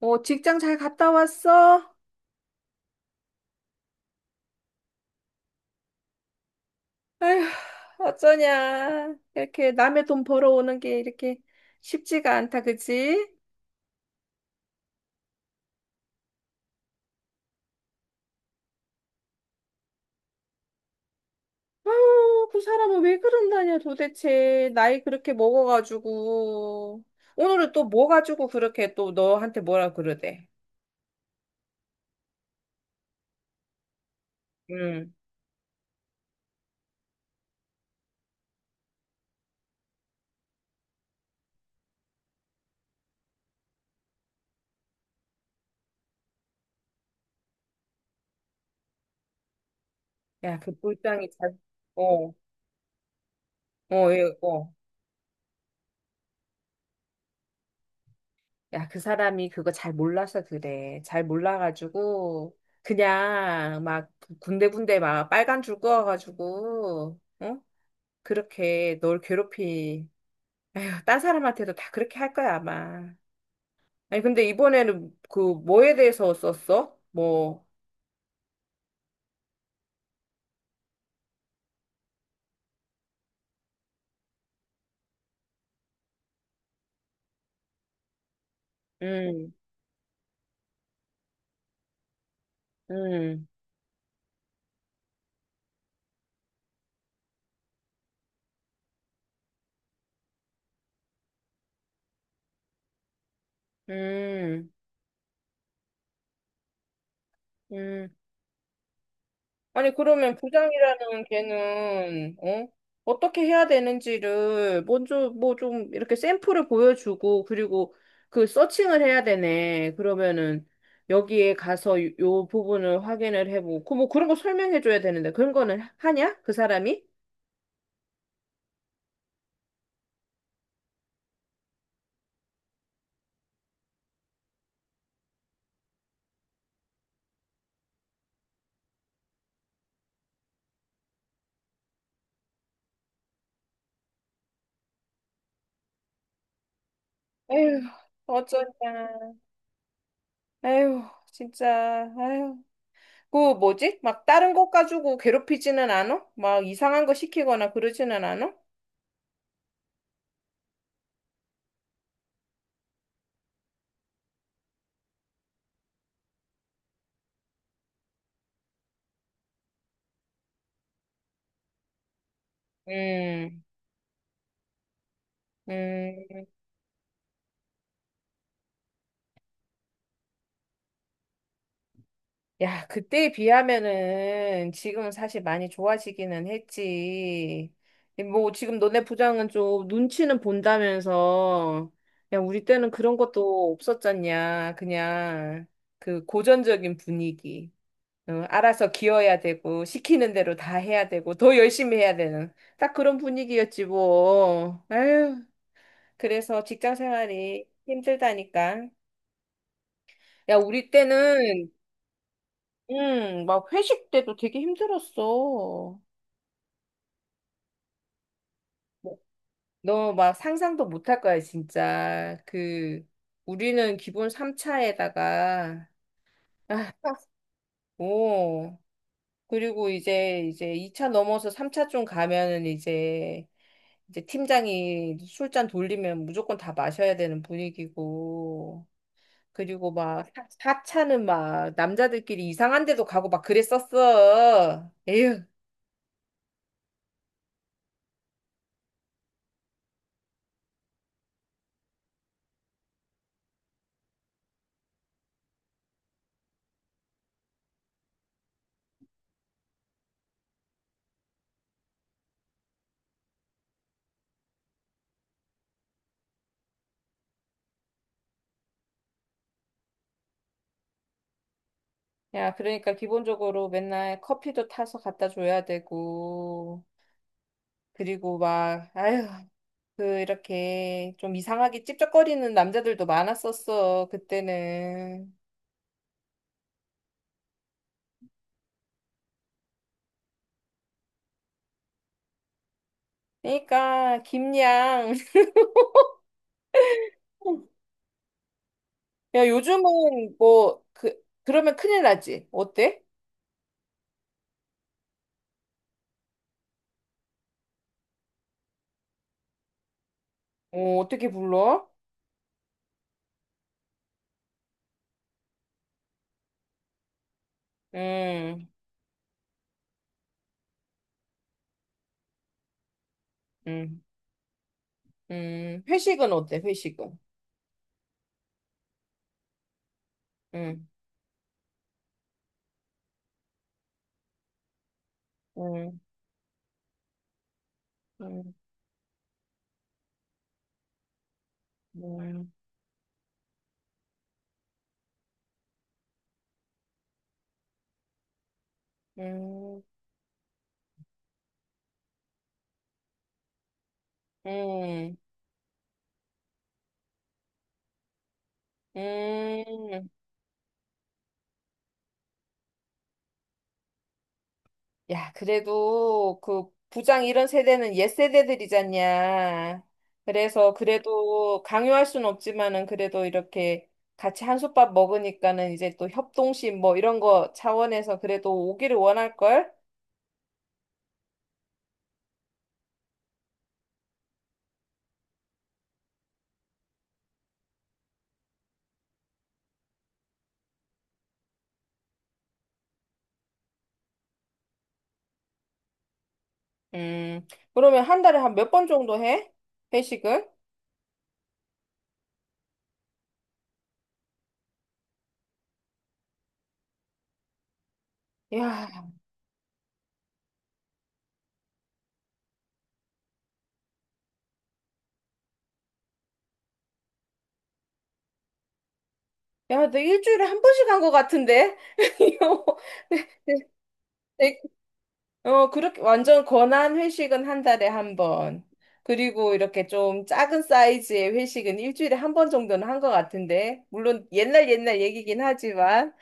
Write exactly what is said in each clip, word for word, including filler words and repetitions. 어, 직장 잘 갔다 왔어? 아휴, 어쩌냐. 이렇게 남의 돈 벌어오는 게 이렇게 쉽지가 않다, 그치? 아유, 그 사람은 왜 그런다냐, 도대체. 나이 그렇게 먹어가지고. 오늘은 또 뭐 가지고 그렇게 또 너한테 뭐라 그러대? 응. 야, 그 불쌍히 잘, 어, 어, 얘, 어. 야, 그 사람이 그거 잘 몰라서 그래. 잘 몰라가지고, 그냥 막 군데군데 막 빨간 줄 그어가지고, 응? 그렇게 널 괴롭히. 에휴, 딴 사람한테도 다 그렇게 할 거야, 아마. 아니, 근데 이번에는 그 뭐에 대해서 썼어? 뭐, 음, 음, 음, 음. 아니, 그러면 부장이라는 걔는, 어? 어떻게 해야 되는지를 먼저 뭐 좀 이렇게 샘플을 보여주고, 그리고 그 서칭을 해야 되네. 그러면은 여기에 가서 요, 요 부분을 확인을 해보고, 그뭐 그런 거 설명해줘야 되는데, 그런 거는 하냐? 그 사람이? 에휴, 어쩌냐. 에휴, 진짜, 에휴. 그 뭐지? 막 다른 것 가지고 괴롭히지는 않아? 막 이상한 거 시키거나 그러지는 않아? 음, 음. 야, 그때에 비하면은 지금은 사실 많이 좋아지기는 했지. 뭐 지금 너네 부장은 좀 눈치는 본다면서. 야, 우리 때는 그런 것도 없었잖냐. 그냥 그 고전적인 분위기. 어, 알아서 기어야 되고 시키는 대로 다 해야 되고 더 열심히 해야 되는 딱 그런 분위기였지 뭐. 아유, 그래서 직장 생활이 힘들다니까. 야, 우리 때는 응, 막 회식 때도 되게 힘들었어. 너 막 상상도 못 할 거야, 진짜. 그, 우리는 기본 삼 차에다가, 아, 오. 그리고 이제, 이제 이 차 넘어서 삼 차 좀 가면은 이제, 이제 팀장이 술잔 돌리면 무조건 다 마셔야 되는 분위기고. 그리고 막 사 차는 막 남자들끼리 이상한 데도 가고 막 그랬었어. 에휴. 야, 그러니까 기본적으로 맨날 커피도 타서 갖다 줘야 되고, 그리고 막, 아휴, 그, 이렇게 좀 이상하게 찝쩍거리는 남자들도 많았었어, 그때는. 그러니까, 김양. 야, 요즘은 뭐, 그, 그러면 큰일 나지? 어때? 어, 어떻게 불러? 음, 음, 음. 회식은 어때, 회식은? 음, 음, 음, 음, 음, 음, 음. 야, 그래도 그 부장 이런 세대는 옛 세대들이잖냐. 그래서 그래도 강요할 순 없지만은 그래도 이렇게 같이 한솥밥 먹으니까는 이제 또 협동심 뭐 이런 거 차원에서 그래도 오기를 원할걸? 음, 그러면 한 달에 한 몇 번 정도 해? 회식을? 야, 야, 너 일주일에 한 번씩 한 것 같은데? 이거 뭐 어, 그렇게 완전 권한 회식은 한 달에 한 번. 그리고 이렇게 좀 작은 사이즈의 회식은 일주일에 한 번 정도는 한 것 같은데. 물론 옛날 옛날 얘기긴 하지만.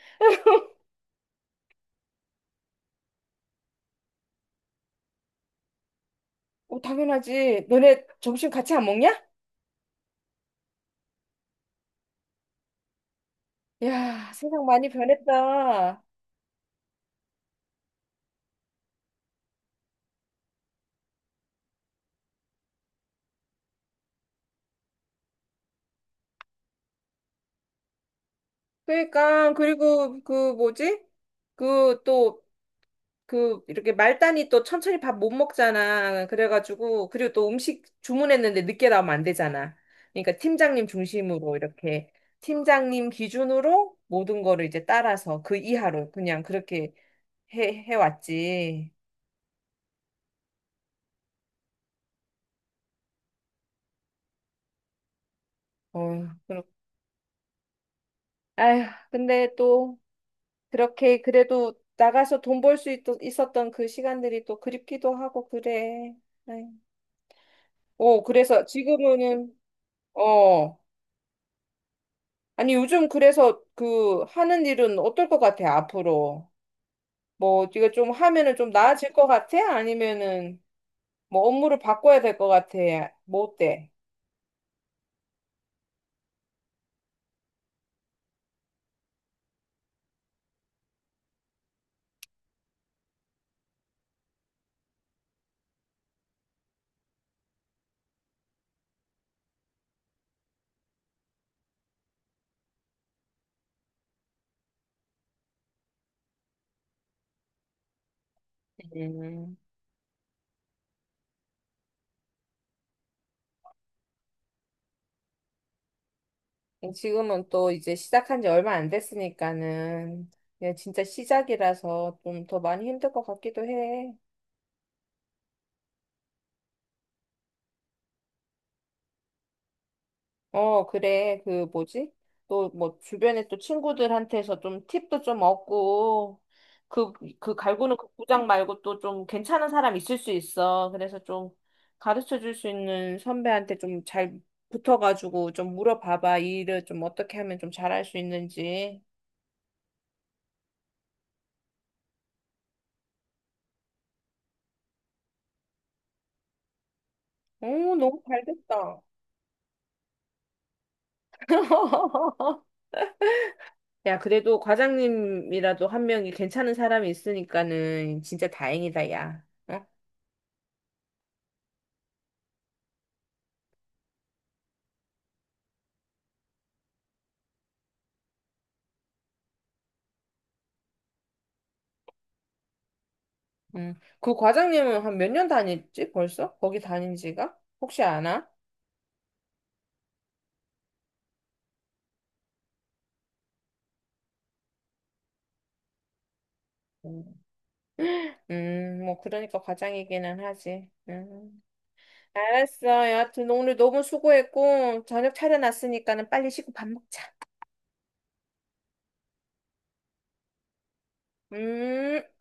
어, 당연하지. 너네 점심 같이 안 먹냐? 야, 세상 많이 변했다. 그러니까, 그리고 그 뭐지? 그또 그 이렇게 말단이 또 천천히 밥 못 먹잖아. 그래가지고 그리고 또 음식 주문했는데 늦게 나오면 안 되잖아. 그러니까 팀장님 중심으로 이렇게 팀장님 기준으로 모든 거를 이제 따라서 그 이하로 그냥 그렇게 해 해왔지. 어, 그럼 아휴, 근데 또 그렇게 그래도 나가서 돈 벌 수 있었던 그 시간들이 또 그립기도 하고 그래. 아휴. 오, 그래서 지금은 어. 아니, 요즘 그래서 그 하는 일은 어떨 것 같아, 앞으로? 뭐, 네가 좀 하면은 좀 나아질 것 같아? 아니면은 뭐 업무를 바꿔야 될 것 같아? 뭐 어때? 음, 지금은 또 이제 시작한 지 얼마 안 됐으니까는 그냥 진짜 시작이라서 좀 더 많이 힘들 것 같기도 해. 어, 그래. 그 뭐지? 또 뭐 주변에 또 친구들한테서 좀 팁도 좀 얻고 그, 그 갈구는 그 부장 말고 또 좀 괜찮은 사람 있을 수 있어. 그래서 좀 가르쳐 줄 수 있는 선배한테 좀 잘 붙어가지고 좀 물어봐봐. 이 일을 좀 어떻게 하면 좀 잘할 수 있는지. 오, 너무 잘 됐다. 야, 그래도 과장님이라도 한 명이 괜찮은 사람이 있으니까는 진짜 다행이다, 야. 어? 음. 그 과장님은 한 몇 년 다녔지, 벌써? 거기 다닌 지가? 혹시 아나? 음. 음, 뭐, 그러니까 과장이기는 하지. 음. 알았어. 여하튼 오늘 너무 수고했고, 저녁 차려놨으니까는 빨리 씻고 밥 먹자. 음.